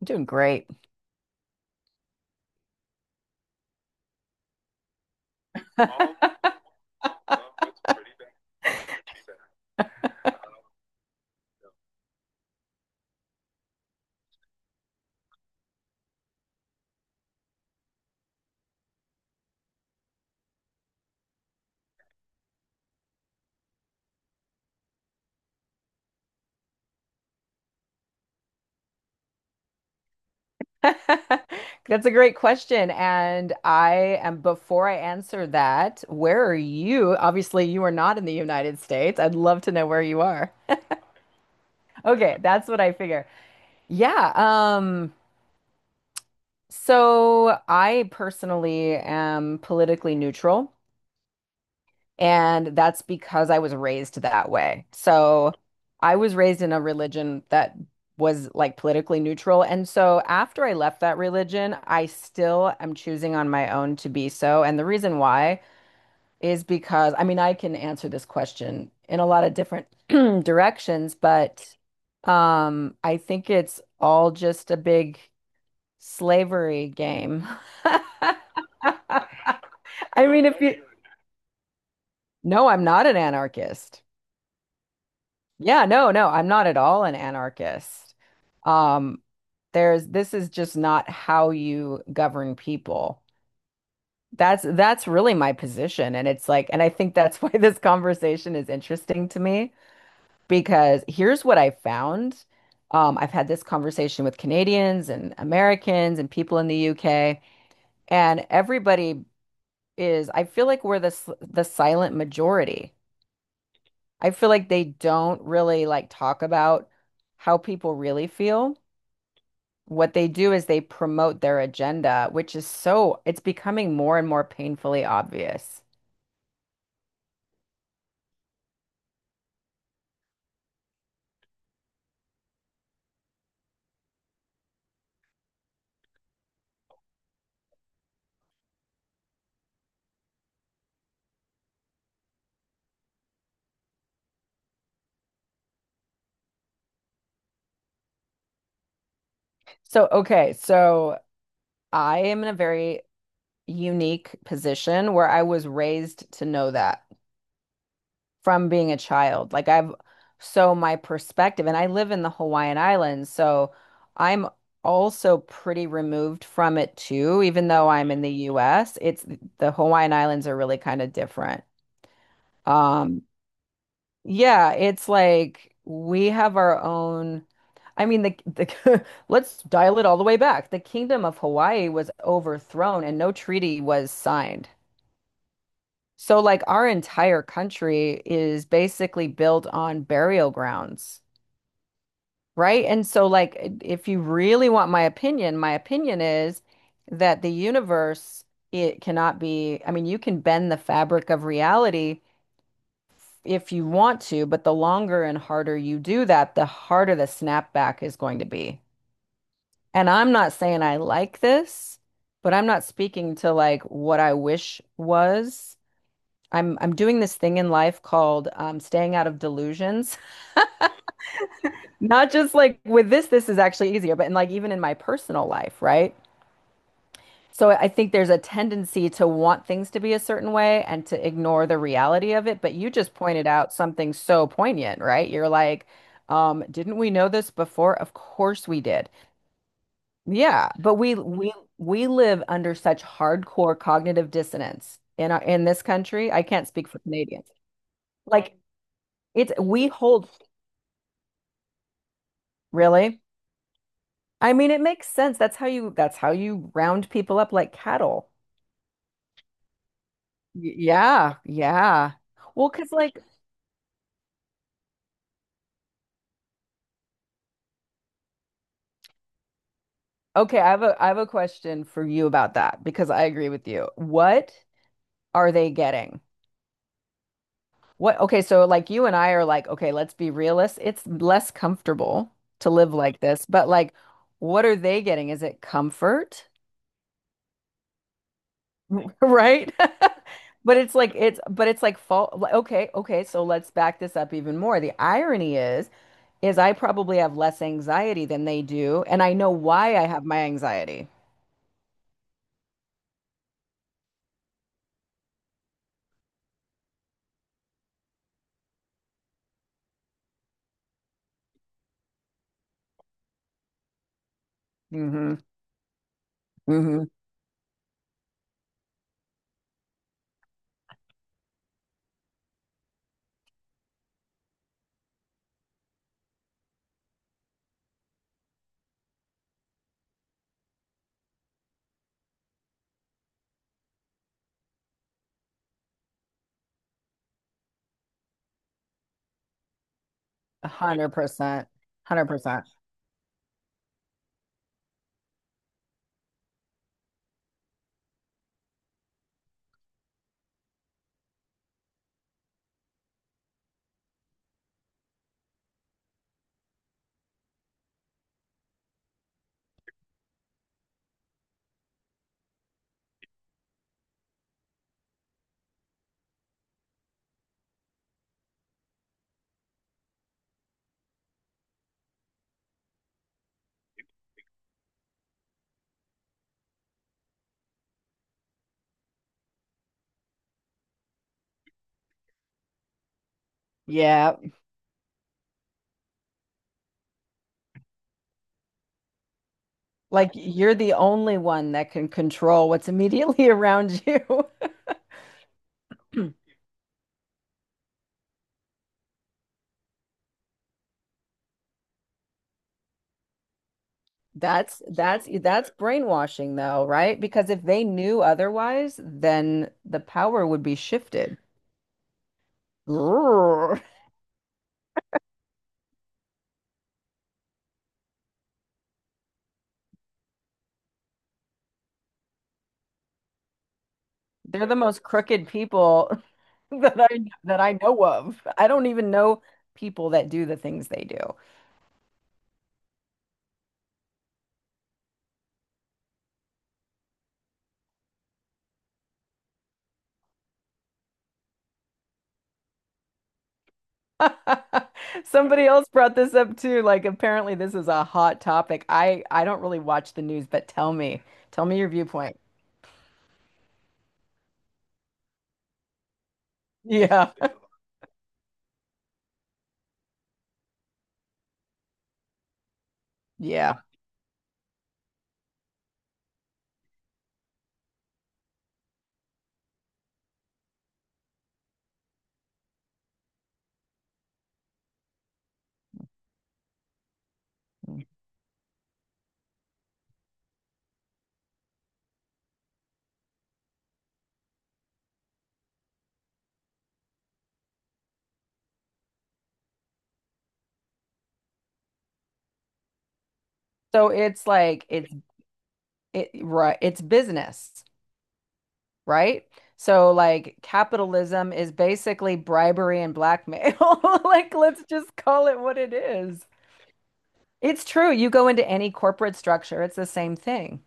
I'm doing great. That's a great question. And I am, before I answer that, where are you? Obviously, you are not in the United States. I'd love to know where you are. Okay, that's what I figure. Yeah, so I personally am politically neutral. And that's because I was raised that way. So I was raised in a religion that was like politically neutral. And so after I left that religion, I still am choosing on my own to be so. And the reason why is because, I mean, I can answer this question in a lot of different directions, but I think it's all just a big slavery game. I mean, if you, no, I'm not an anarchist. Yeah, no, no, I'm not at all an anarchist. Um, there's this is just not how you govern people. That's really my position. And it's like, and I think that's why this conversation is interesting to me because here's what I found. I've had this conversation with Canadians and Americans and people in the UK, and everybody is, I feel like we're the silent majority. I feel like they don't really like talk about how people really feel. What they do is they promote their agenda, which is so, it's becoming more and more painfully obvious. So, okay, so I am in a very unique position where I was raised to know that from being a child. Like I've so my perspective, and I live in the Hawaiian Islands, so I'm also pretty removed from it too, even though I'm in the US. It's the Hawaiian Islands are really kind of different. Um, yeah, it's like we have our own. I mean, the let's dial it all the way back. The Kingdom of Hawaii was overthrown and no treaty was signed. So, like, our entire country is basically built on burial grounds, right? And so, like, if you really want my opinion is that the universe, it cannot be, I mean, you can bend the fabric of reality if you want to, but the longer and harder you do that, the harder the snapback is going to be. And I'm not saying I like this, but I'm not speaking to like what I wish was. I'm doing this thing in life called staying out of delusions. Not just like with this, this is actually easier, but in like even in my personal life, right? So I think there's a tendency to want things to be a certain way and to ignore the reality of it. But you just pointed out something so poignant, right? You're like, didn't we know this before? Of course we did. Yeah, but we live under such hardcore cognitive dissonance in our in this country. I can't speak for Canadians. Like it's we hold really? I mean, it makes sense. That's how you round people up like cattle. Yeah, yeah. Well, 'cause like, okay, I have a question for you about that because I agree with you. What are they getting? What, okay, so like you and I are like, okay, let's be realists. It's less comfortable to live like this, but like, what are they getting? Is it comfort? Right? But it's like fault. Like, okay, okay, so let's back this up even more. The irony is I probably have less anxiety than they do, and I know why I have my anxiety. Mm-hmm. Mm-hmm. 100%. 100%. Yeah. Like you're the only one that can control what's immediately around you. That's brainwashing though, right? Because if they knew otherwise, then the power would be shifted. They're the most crooked people that I know of. I don't even know people that do the things they do. Somebody else brought this up too. Like apparently this is a hot topic. I don't really watch the news, but tell me your viewpoint. Yeah. Yeah. So it right, it's business, right? So like capitalism is basically bribery and blackmail. Like let's just call it what it is. It's true. You go into any corporate structure, it's the same thing.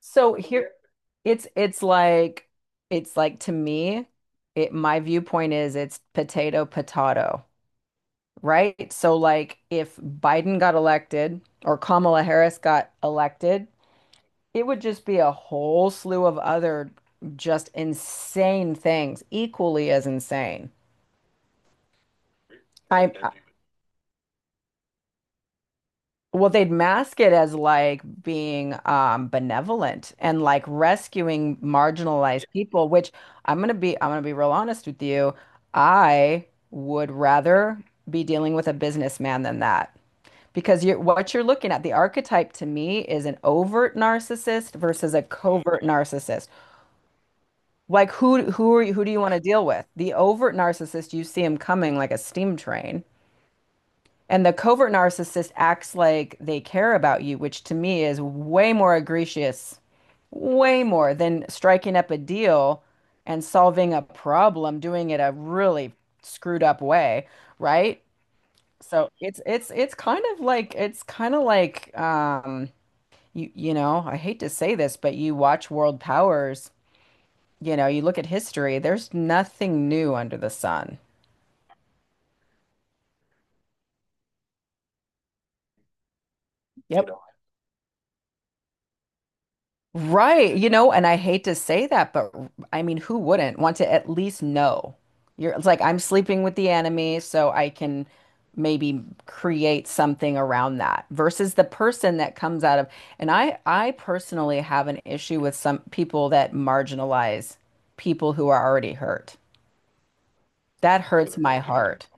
So here it's it's like it's like to me, it my viewpoint is it's potato potato, right? So like if Biden got elected or Kamala Harris got elected, it would just be a whole slew of other just insane things, equally as insane. I well, they'd mask it as like being benevolent and like rescuing marginalized people, which I'm gonna be real honest with you. I would rather be dealing with a businessman than that. Because you're, what you're looking at, the archetype to me is an overt narcissist versus a covert narcissist. Like who are you, who do you want to deal with? The overt narcissist, you see him coming like a steam train. And the covert narcissist acts like they care about you, which to me is way more egregious, way more than striking up a deal and solving a problem, doing it a really screwed up way, right? So it's kind of like you you know, I hate to say this, but you watch world powers, you know, you look at history, there's nothing new under the sun. Yep. Right, you know, and I hate to say that, but I mean, who wouldn't want to at least know? You're it's like I'm sleeping with the enemy, so I can maybe create something around that versus the person that comes out of, and I personally have an issue with some people that marginalize people who are already hurt. That hurts my heart.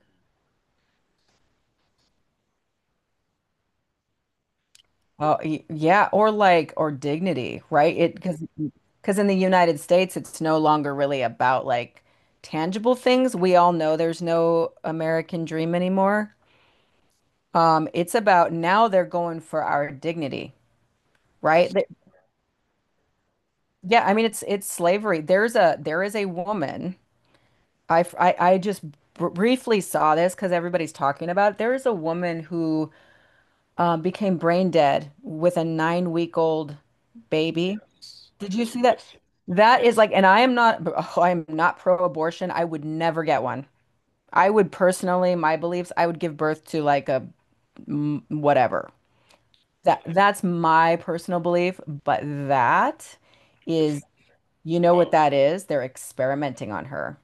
Oh, yeah, or like or dignity, right? It because in the United States, it's no longer really about like tangible things. We all know there's no American dream anymore. It's about now they're going for our dignity, right? Yeah, I mean it's slavery. There is a woman. I just br briefly saw this because everybody's talking about it. There is a woman who became brain dead with a 9 week old baby. That is like, and I am not, oh, I am not pro-abortion. I would never get one. I would personally, my beliefs, I would give birth to like a m- whatever. That that's my personal belief, but that is, you know what that is? They're experimenting on her.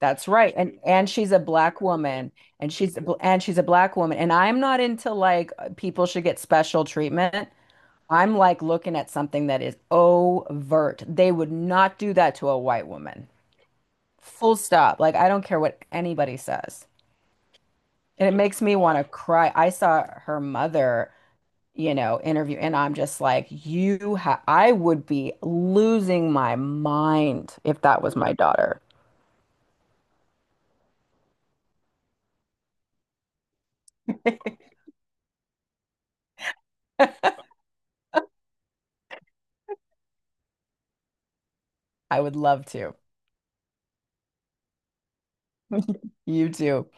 That's right. And she's a black woman and she's a black woman and I'm not into like people should get special treatment. I'm like looking at something that is overt. They would not do that to a white woman. Full stop. Like, I don't care what anybody says. And it makes me want to cry. I saw her mother, you know, interview, and I'm just like, you ha I would be losing my mind if that was my daughter. I would love to. You too.